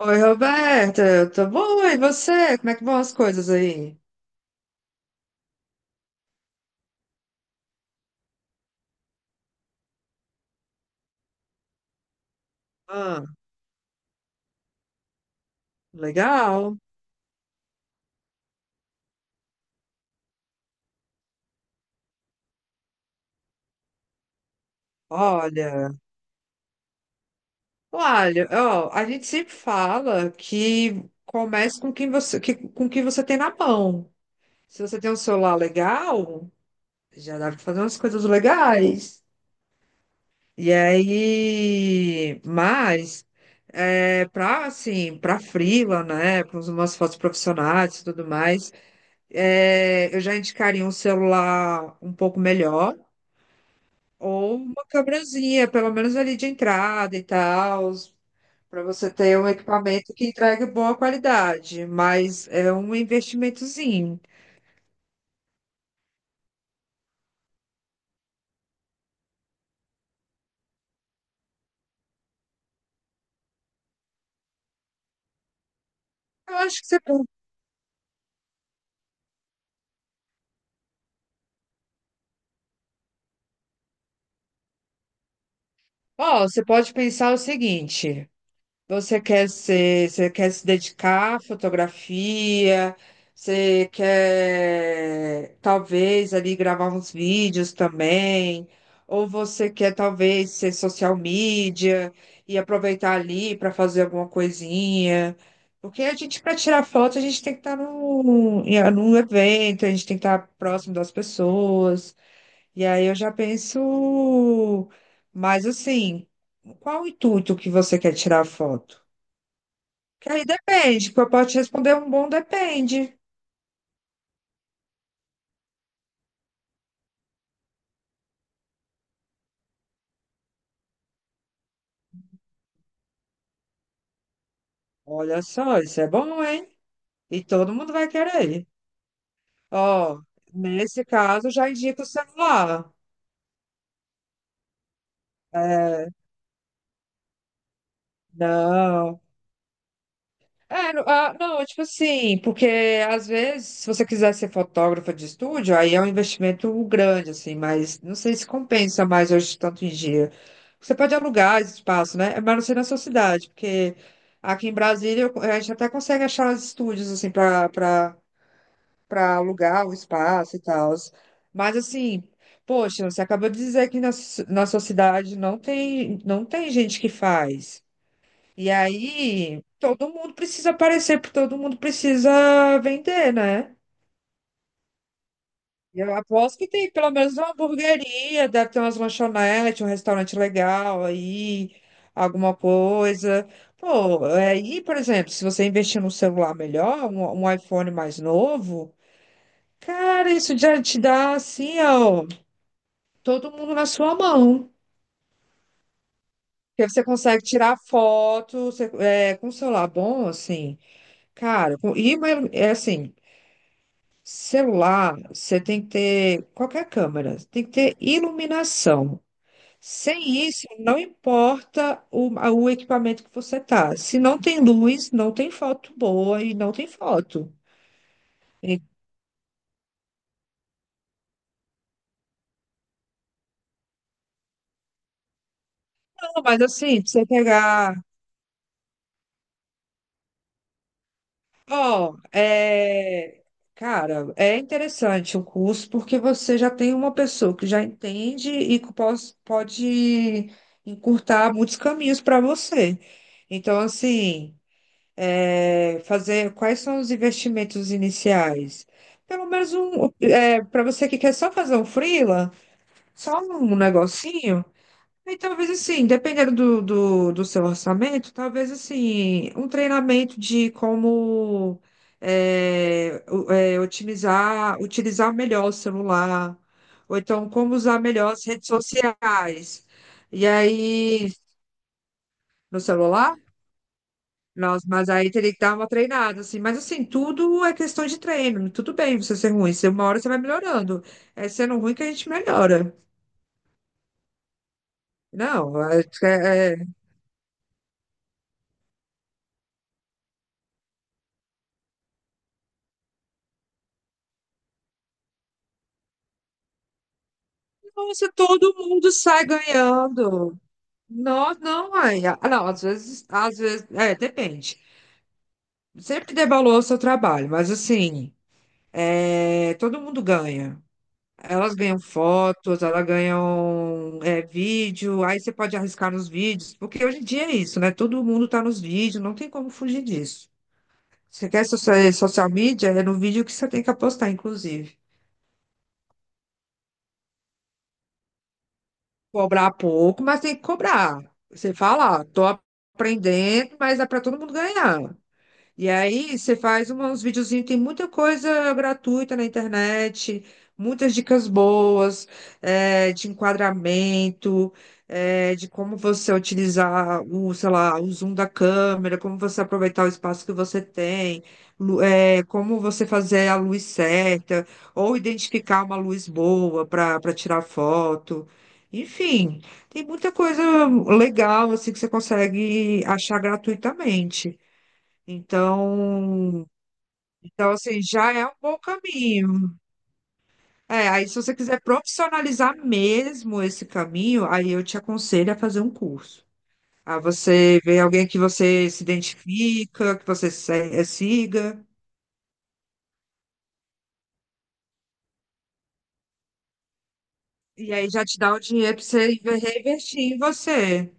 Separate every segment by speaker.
Speaker 1: Oi, Roberta, eu tô boa, e você? Como é que vão as coisas aí? Ah, legal. Olha, olha, ó, a gente sempre fala que comece com quem você, com o que você tem na mão. Se você tem um celular legal, já dá pra fazer umas coisas legais. E aí, mas para assim, para freela, né? Para umas fotos profissionais e tudo mais, eu já indicaria um celular um pouco melhor. Ou uma câmerazinha, pelo menos ali de entrada e tal, para você ter um equipamento que entregue boa qualidade, mas é um investimentozinho. Eu acho que você pode, ó, você pode pensar o seguinte. Você quer ser, você quer se dedicar à fotografia, você quer talvez ali gravar uns vídeos também, ou você quer talvez ser social media e aproveitar ali para fazer alguma coisinha. Porque a gente, para tirar foto, a gente tem que estar num, num evento, a gente tem que estar próximo das pessoas. E aí eu já penso, mas assim, qual o intuito que você quer tirar a foto? Que aí depende, porque eu posso responder um bom depende. Olha só, isso é bom, hein? E todo mundo vai querer. Ó, nesse caso, já indica o celular. É, não. É, não, ah, não, tipo assim, porque às vezes, se você quiser ser fotógrafa de estúdio, aí é um investimento grande, assim, mas não sei se compensa mais hoje, tanto em dia. Você pode alugar esse espaço, né? Mas não sei na sua cidade, porque aqui em Brasília a gente até consegue achar os estúdios, assim, para alugar o espaço e tal. Mas assim, poxa, você acabou de dizer que na, na sua cidade não tem, não tem gente que faz. E aí, todo mundo precisa aparecer, porque todo mundo precisa vender, né? E eu aposto que tem pelo menos uma hamburgueria, deve ter umas lanchonetes, um restaurante legal aí, alguma coisa. Pô, aí, por exemplo, se você investir num celular melhor, um iPhone mais novo. Cara, isso já te dá assim, ó, todo mundo na sua mão. Que você consegue tirar foto, com um celular bom, assim, cara, com, e uma celular, você tem que ter qualquer câmera, tem que ter iluminação. Sem isso, não importa o, o equipamento que você tá. Se não tem luz, não tem foto boa e não tem foto. Então, mas assim, pra você pegar. Ó, cara, é interessante o curso porque você já tem uma pessoa que já entende e que pode encurtar muitos caminhos para você. Então, assim, fazer quais são os investimentos iniciais? Pelo menos um, para você que quer só fazer um freela, só um negocinho. E talvez assim, dependendo do, do, do seu orçamento, talvez assim, um treinamento de como otimizar, utilizar melhor o celular, ou então como usar melhor as redes sociais. E aí, no celular? Nossa, mas aí teria que dar uma treinada, assim. Mas assim, tudo é questão de treino. Tudo bem você ser ruim. Se uma hora você vai melhorando. É sendo ruim que a gente melhora. Não, é, é. Nossa, todo mundo sai ganhando. Não, não, mãe. Ah, não, às vezes, é, depende. Sempre dê valor ao seu trabalho, mas assim, é, todo mundo ganha. Elas ganham fotos, elas ganham é, vídeo, aí você pode arriscar nos vídeos, porque hoje em dia é isso, né? Todo mundo tá nos vídeos, não tem como fugir disso. Você quer social, social media, é no vídeo que você tem que apostar, inclusive. Cobrar pouco, mas tem que cobrar. Você fala, ó, tô aprendendo, mas é para todo mundo ganhar. E aí você faz uns videozinhos, tem muita coisa gratuita na internet, muitas dicas boas, de enquadramento, de como você utilizar o, sei lá, o zoom da câmera, como você aproveitar o espaço que você tem, como você fazer a luz certa, ou identificar uma luz boa para tirar foto. Enfim, tem muita coisa legal assim que você consegue achar gratuitamente. Então, então assim, já é um bom caminho. É, aí se você quiser profissionalizar mesmo esse caminho, aí eu te aconselho a fazer um curso. A você ver alguém que você se identifica, que você siga, e aí já te dá o dinheiro para você reinvestir em você.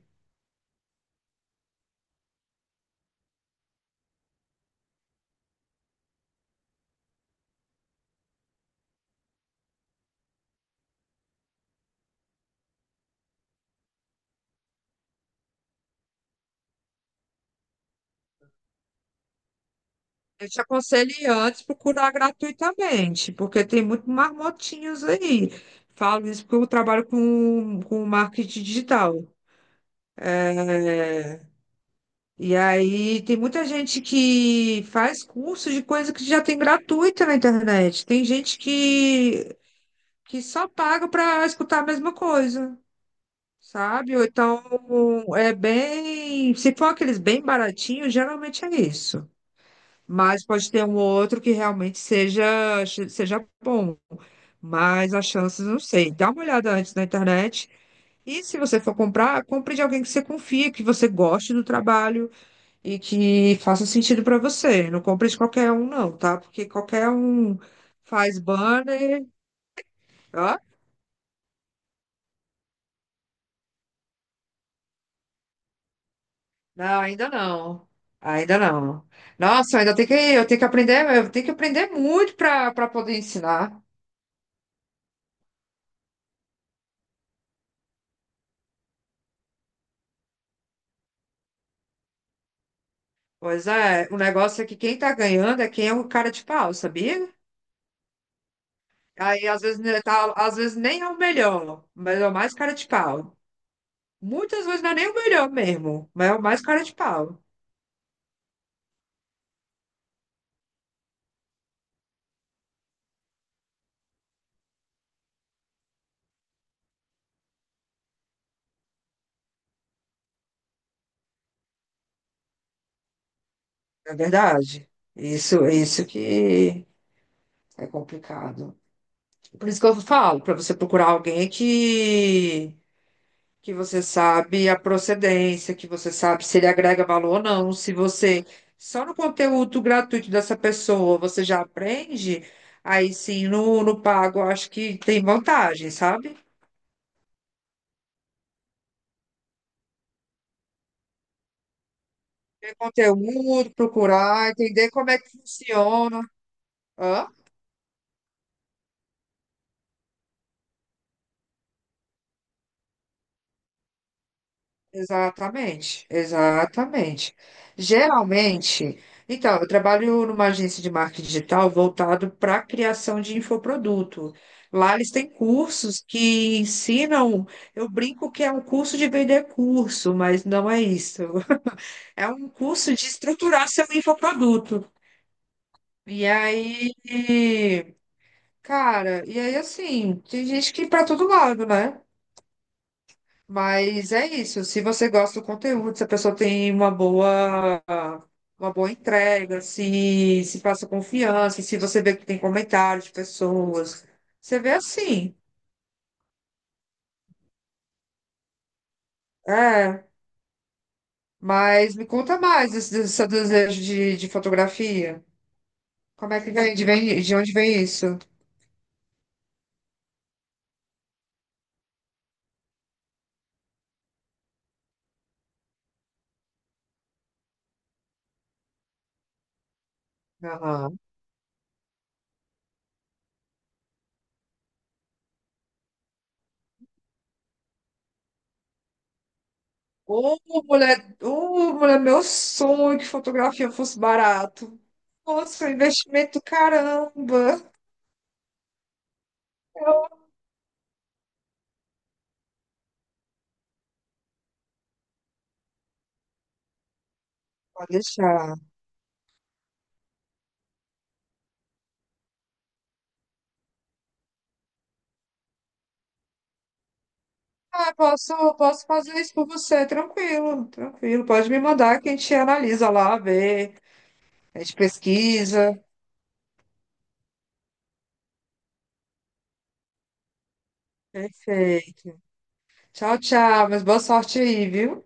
Speaker 1: Eu te aconselho ir antes procurar gratuitamente, porque tem muito marmotinhos aí. Falo isso porque eu trabalho com marketing digital. É, e aí tem muita gente que faz curso de coisa que já tem gratuita na internet. Tem gente que só paga para escutar a mesma coisa, sabe? Ou então é bem, se for aqueles bem baratinhos, geralmente é isso. Mas pode ter um ou outro que realmente seja bom. Mas as chances, não sei. Dá uma olhada antes na internet. E se você for comprar, compre de alguém que você confia, que você goste do trabalho e que faça sentido para você. Não compre de qualquer um, não, tá? Porque qualquer um faz banner. Ó, não, ainda não. Ainda não. Nossa, eu ainda tem que, eu tenho que aprender, eu tenho que aprender muito para poder ensinar. Pois é, o negócio é que quem tá ganhando é quem é o cara de pau, sabia? Aí às vezes né, tá, às vezes nem é o melhor, mas é o mais cara de pau. Muitas vezes não é nem o melhor mesmo, mas é o mais cara de pau. É verdade. Isso que. É complicado. Por isso que eu falo, para você procurar alguém que você sabe a procedência, que você sabe se ele agrega valor ou não, se você só no conteúdo gratuito dessa pessoa você já aprende, aí sim no, no pago eu acho que tem vantagem, sabe? Ver conteúdo, procurar, entender como é que funciona. Hã? Exatamente, exatamente. Geralmente, então, eu trabalho numa agência de marketing digital voltado para a criação de infoproduto. Lá eles têm cursos que ensinam, eu brinco que é um curso de vender curso, mas não é isso. É um curso de estruturar seu infoproduto. E aí, cara, e aí assim, tem gente que ir para todo lado, né? Mas é isso. Se você gosta do conteúdo, se a pessoa tem uma boa entrega, se passa confiança, se você vê que tem comentários de pessoas, você vê assim. É. Mas me conta mais desse, desse seu desejo de fotografia. Como é que vem? De, de onde vem isso? Aham. Ô, ô, mulher, meu sonho é que fotografia fosse barato. Nossa, investimento do caramba. Pode deixar. Ah, posso, posso fazer isso por você, tranquilo, tranquilo. Pode me mandar que a gente analisa lá, vê, a gente pesquisa. Perfeito. Tchau, tchau, mas boa sorte aí, viu?